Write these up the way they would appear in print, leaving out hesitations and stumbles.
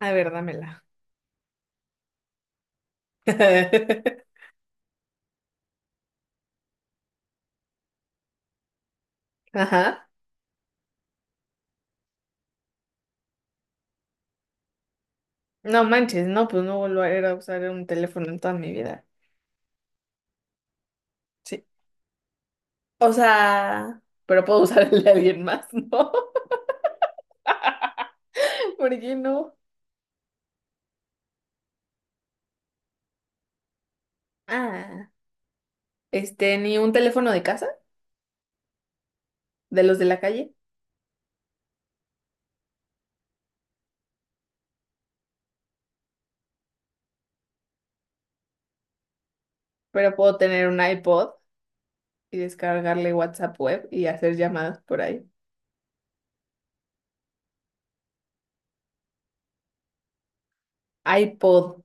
A ver, dámela. Ajá. No manches, no, pues no volveré a usar un teléfono en toda mi vida. Sí. O sea, pero puedo usar el de alguien más, ¿no? ¿Por qué no? Ah, ni un teléfono de casa, de los de la calle, pero puedo tener un iPod y descargarle WhatsApp web y hacer llamadas por ahí. iPod.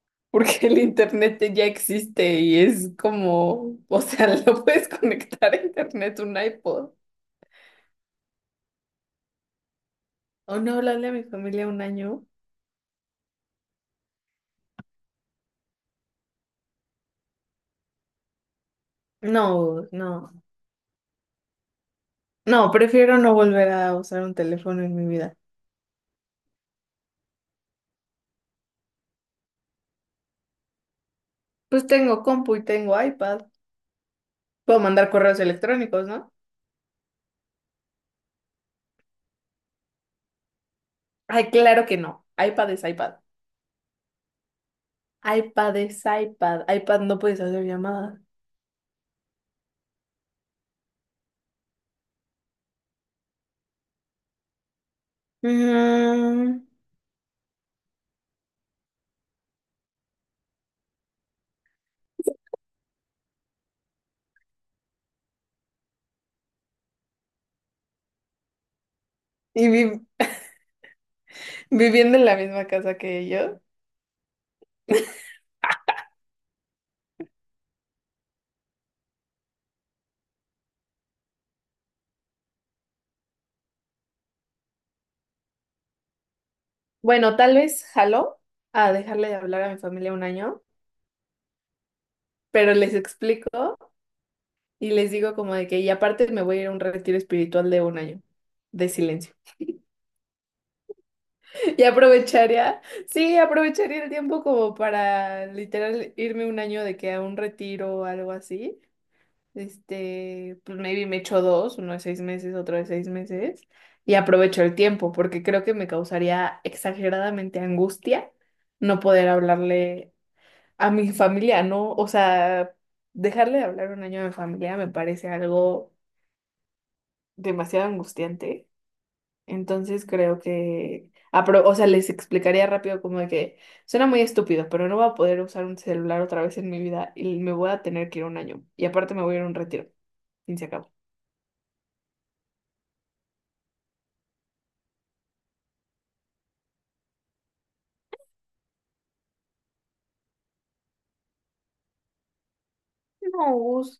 Porque el internet ya existe y es como, o sea, lo puedes conectar a internet un iPod. O no hablarle a mi familia un año. No, no. No, prefiero no volver a usar un teléfono en mi vida. Pues tengo compu y tengo iPad. Puedo mandar correos electrónicos, ¿no? Ay, claro que no. iPad es iPad. iPad es iPad. iPad no puedes hacer llamadas. Mm. Y viviendo en la misma casa que yo. Bueno, tal vez jaló a dejarle de hablar a mi familia un año, pero les explico. Y les digo como de que, y aparte me voy a ir a un retiro espiritual de un año de silencio. Y aprovecharía, sí, aprovecharía el tiempo como para literal irme un año de que a un retiro o algo así. Pues maybe me echo dos, uno de 6 meses, otro de 6 meses. Y aprovecho el tiempo porque creo que me causaría exageradamente angustia no poder hablarle a mi familia, ¿no? O sea, dejarle de hablar un año a mi familia me parece algo demasiado angustiante. Entonces creo que, ah, pero, o sea, les explicaría rápido como de que suena muy estúpido, pero no voy a poder usar un celular otra vez en mi vida y me voy a tener que ir un año. Y aparte me voy a ir a un retiro. Fin se acabó. No, Gus.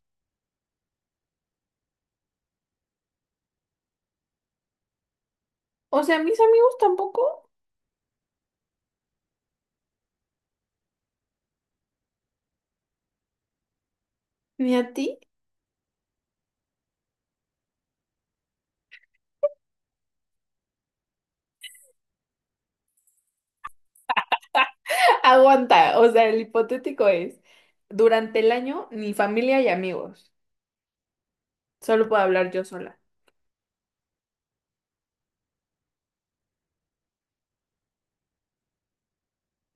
O sea, mis amigos tampoco, ni a ti. Aguanta, o sea, el hipotético es, durante el año, ni familia y amigos. Solo puedo hablar yo sola.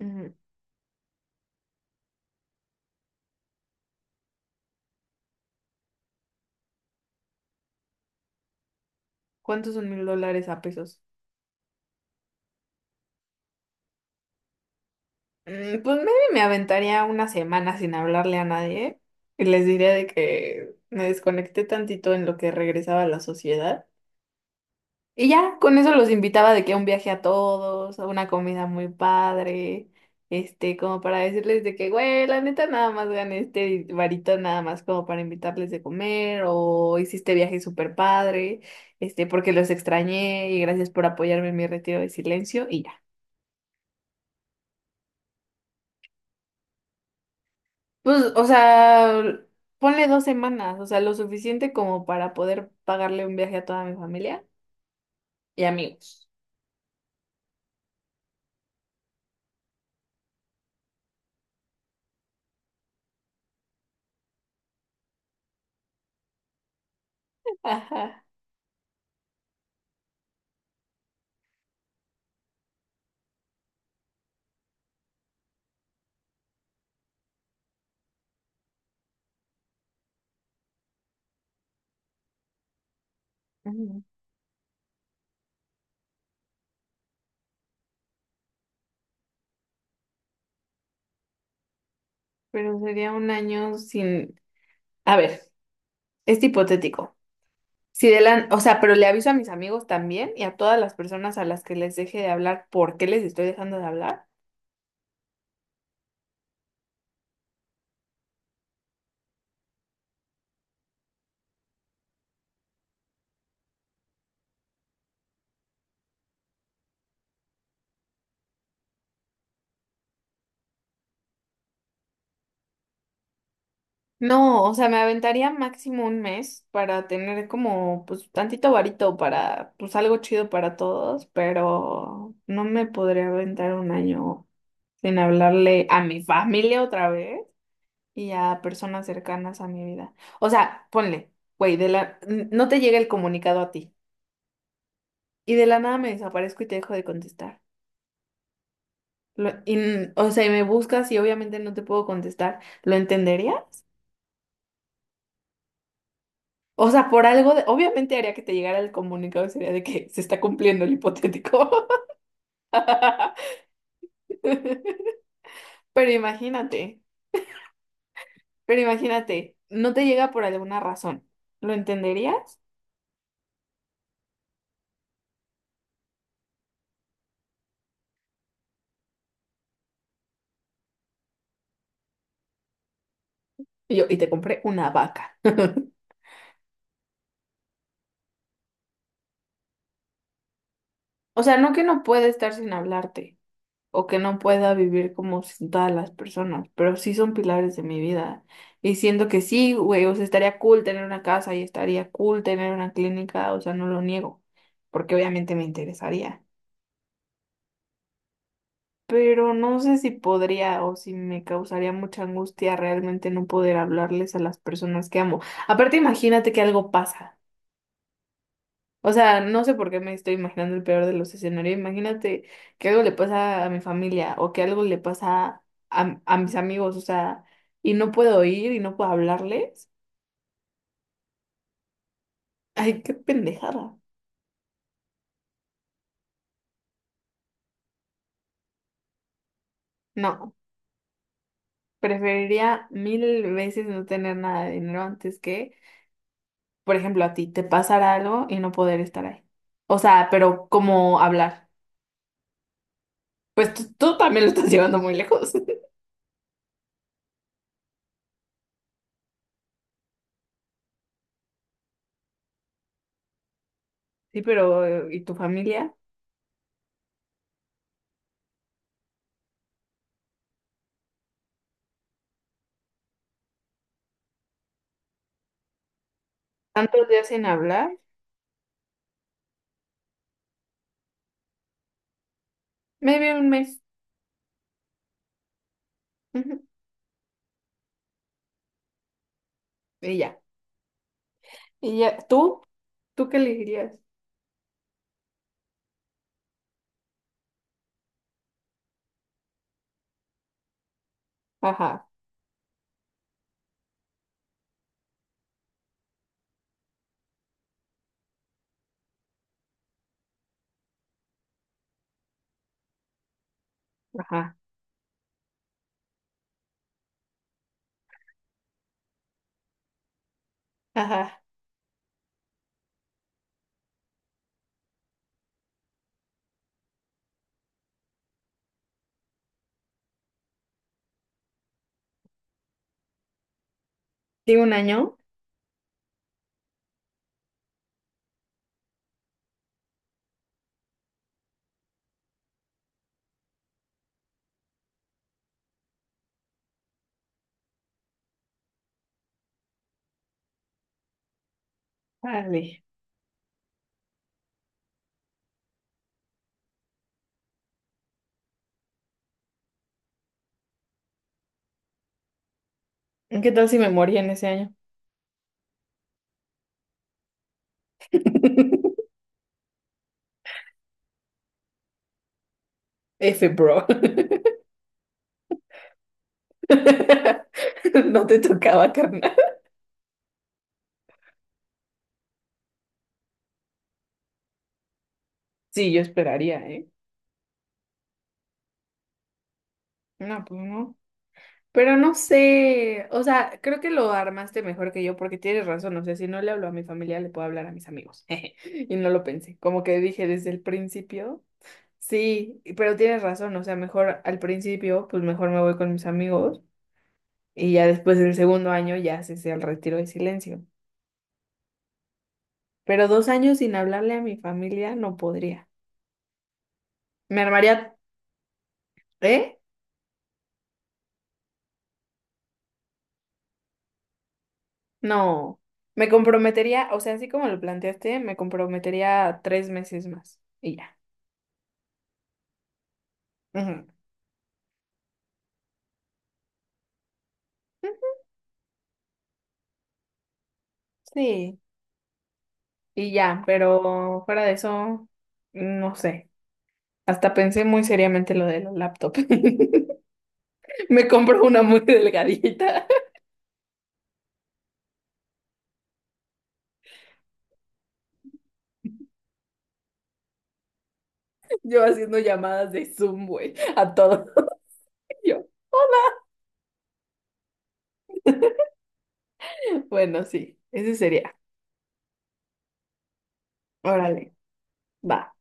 Ujú. ¿Cuántos son 1,000 dólares a pesos? Pues maybe me aventaría una semana sin hablarle a nadie y les diría de que me desconecté tantito en lo que regresaba a la sociedad. Y ya, con eso los invitaba de que a un viaje a todos, a una comida muy padre, como para decirles de que, güey, la neta nada más gané este varito nada más como para invitarles de comer o hiciste viaje súper padre, porque los extrañé y gracias por apoyarme en mi retiro de silencio y ya. Pues, o sea, ponle 2 semanas, o sea, lo suficiente como para poder pagarle un viaje a toda mi familia y amigos. Ajá. Ujú. Pero sería un año sin. A ver, es hipotético. Si de la... O sea, pero le aviso a mis amigos también y a todas las personas a las que les deje de hablar, ¿por qué les estoy dejando de hablar? No, o sea, me aventaría máximo un mes para tener como, pues, tantito varito para, pues, algo chido para todos, pero no me podría aventar un año sin hablarle a mi familia otra vez y a personas cercanas a mi vida. O sea, ponle, güey, no te llega el comunicado a ti y de la nada me desaparezco y te dejo de contestar. O sea, y me buscas y obviamente no te puedo contestar. ¿Lo entenderías? O sea, por algo, obviamente haría que te llegara el comunicado y sería de que se está cumpliendo el hipotético. Pero imagínate, pero imagínate, no te llega por alguna razón. ¿Lo entenderías? Y te compré una vaca. O sea, no que no pueda estar sin hablarte o que no pueda vivir como sin todas las personas, pero sí son pilares de mi vida. Y siento que sí, güey, o sea, estaría cool tener una casa y estaría cool tener una clínica, o sea, no lo niego, porque obviamente me interesaría. Pero no sé si podría o si me causaría mucha angustia realmente no poder hablarles a las personas que amo. Aparte, imagínate que algo pasa. O sea, no sé por qué me estoy imaginando el peor de los escenarios. Imagínate que algo le pasa a mi familia o que algo le pasa a, mis amigos, o sea, y no puedo ir y no puedo hablarles. Ay, qué pendejada. No, preferiría 1,000 veces no tener nada de dinero antes que, por ejemplo, a ti te pasara algo y no poder estar ahí. O sea, pero ¿cómo hablar? Pues tú también lo estás llevando muy lejos. Sí, pero ¿y tu familia? ¿Tantos días sin hablar? Maybe un mes. Ujú. Y ya. Y ya, ¿tú? ¿Tú qué elegirías? Ajá, ajá, ajá. ¿Sí, un año? Vale. ¿Qué tal si me moría en ese año? F, bro. No te tocaba, carnal. Sí, yo esperaría, ¿eh? No, pues no. Pero no sé, o sea, creo que lo armaste mejor que yo porque tienes razón, o sea, si no le hablo a mi familia, le puedo hablar a mis amigos. Jeje. Y no lo pensé, como que dije desde el principio, sí, pero tienes razón, o sea, mejor al principio, pues mejor me voy con mis amigos. Y ya después del segundo año ya cesé el retiro de silencio. Pero 2 años sin hablarle a mi familia no podría. Me armaría, ¿eh? No. Me comprometería, o sea, así como lo planteaste, me comprometería 3 meses más. Y ya. Ujú. Sí, y ya, pero fuera de eso, no sé. Hasta pensé muy seriamente lo de la laptop. Me compro una muy delgadita. Yo haciendo llamadas de Zoom, güey, a todo. Yo, bueno, sí, ese sería. Órale, va,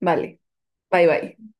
vale, bye bye.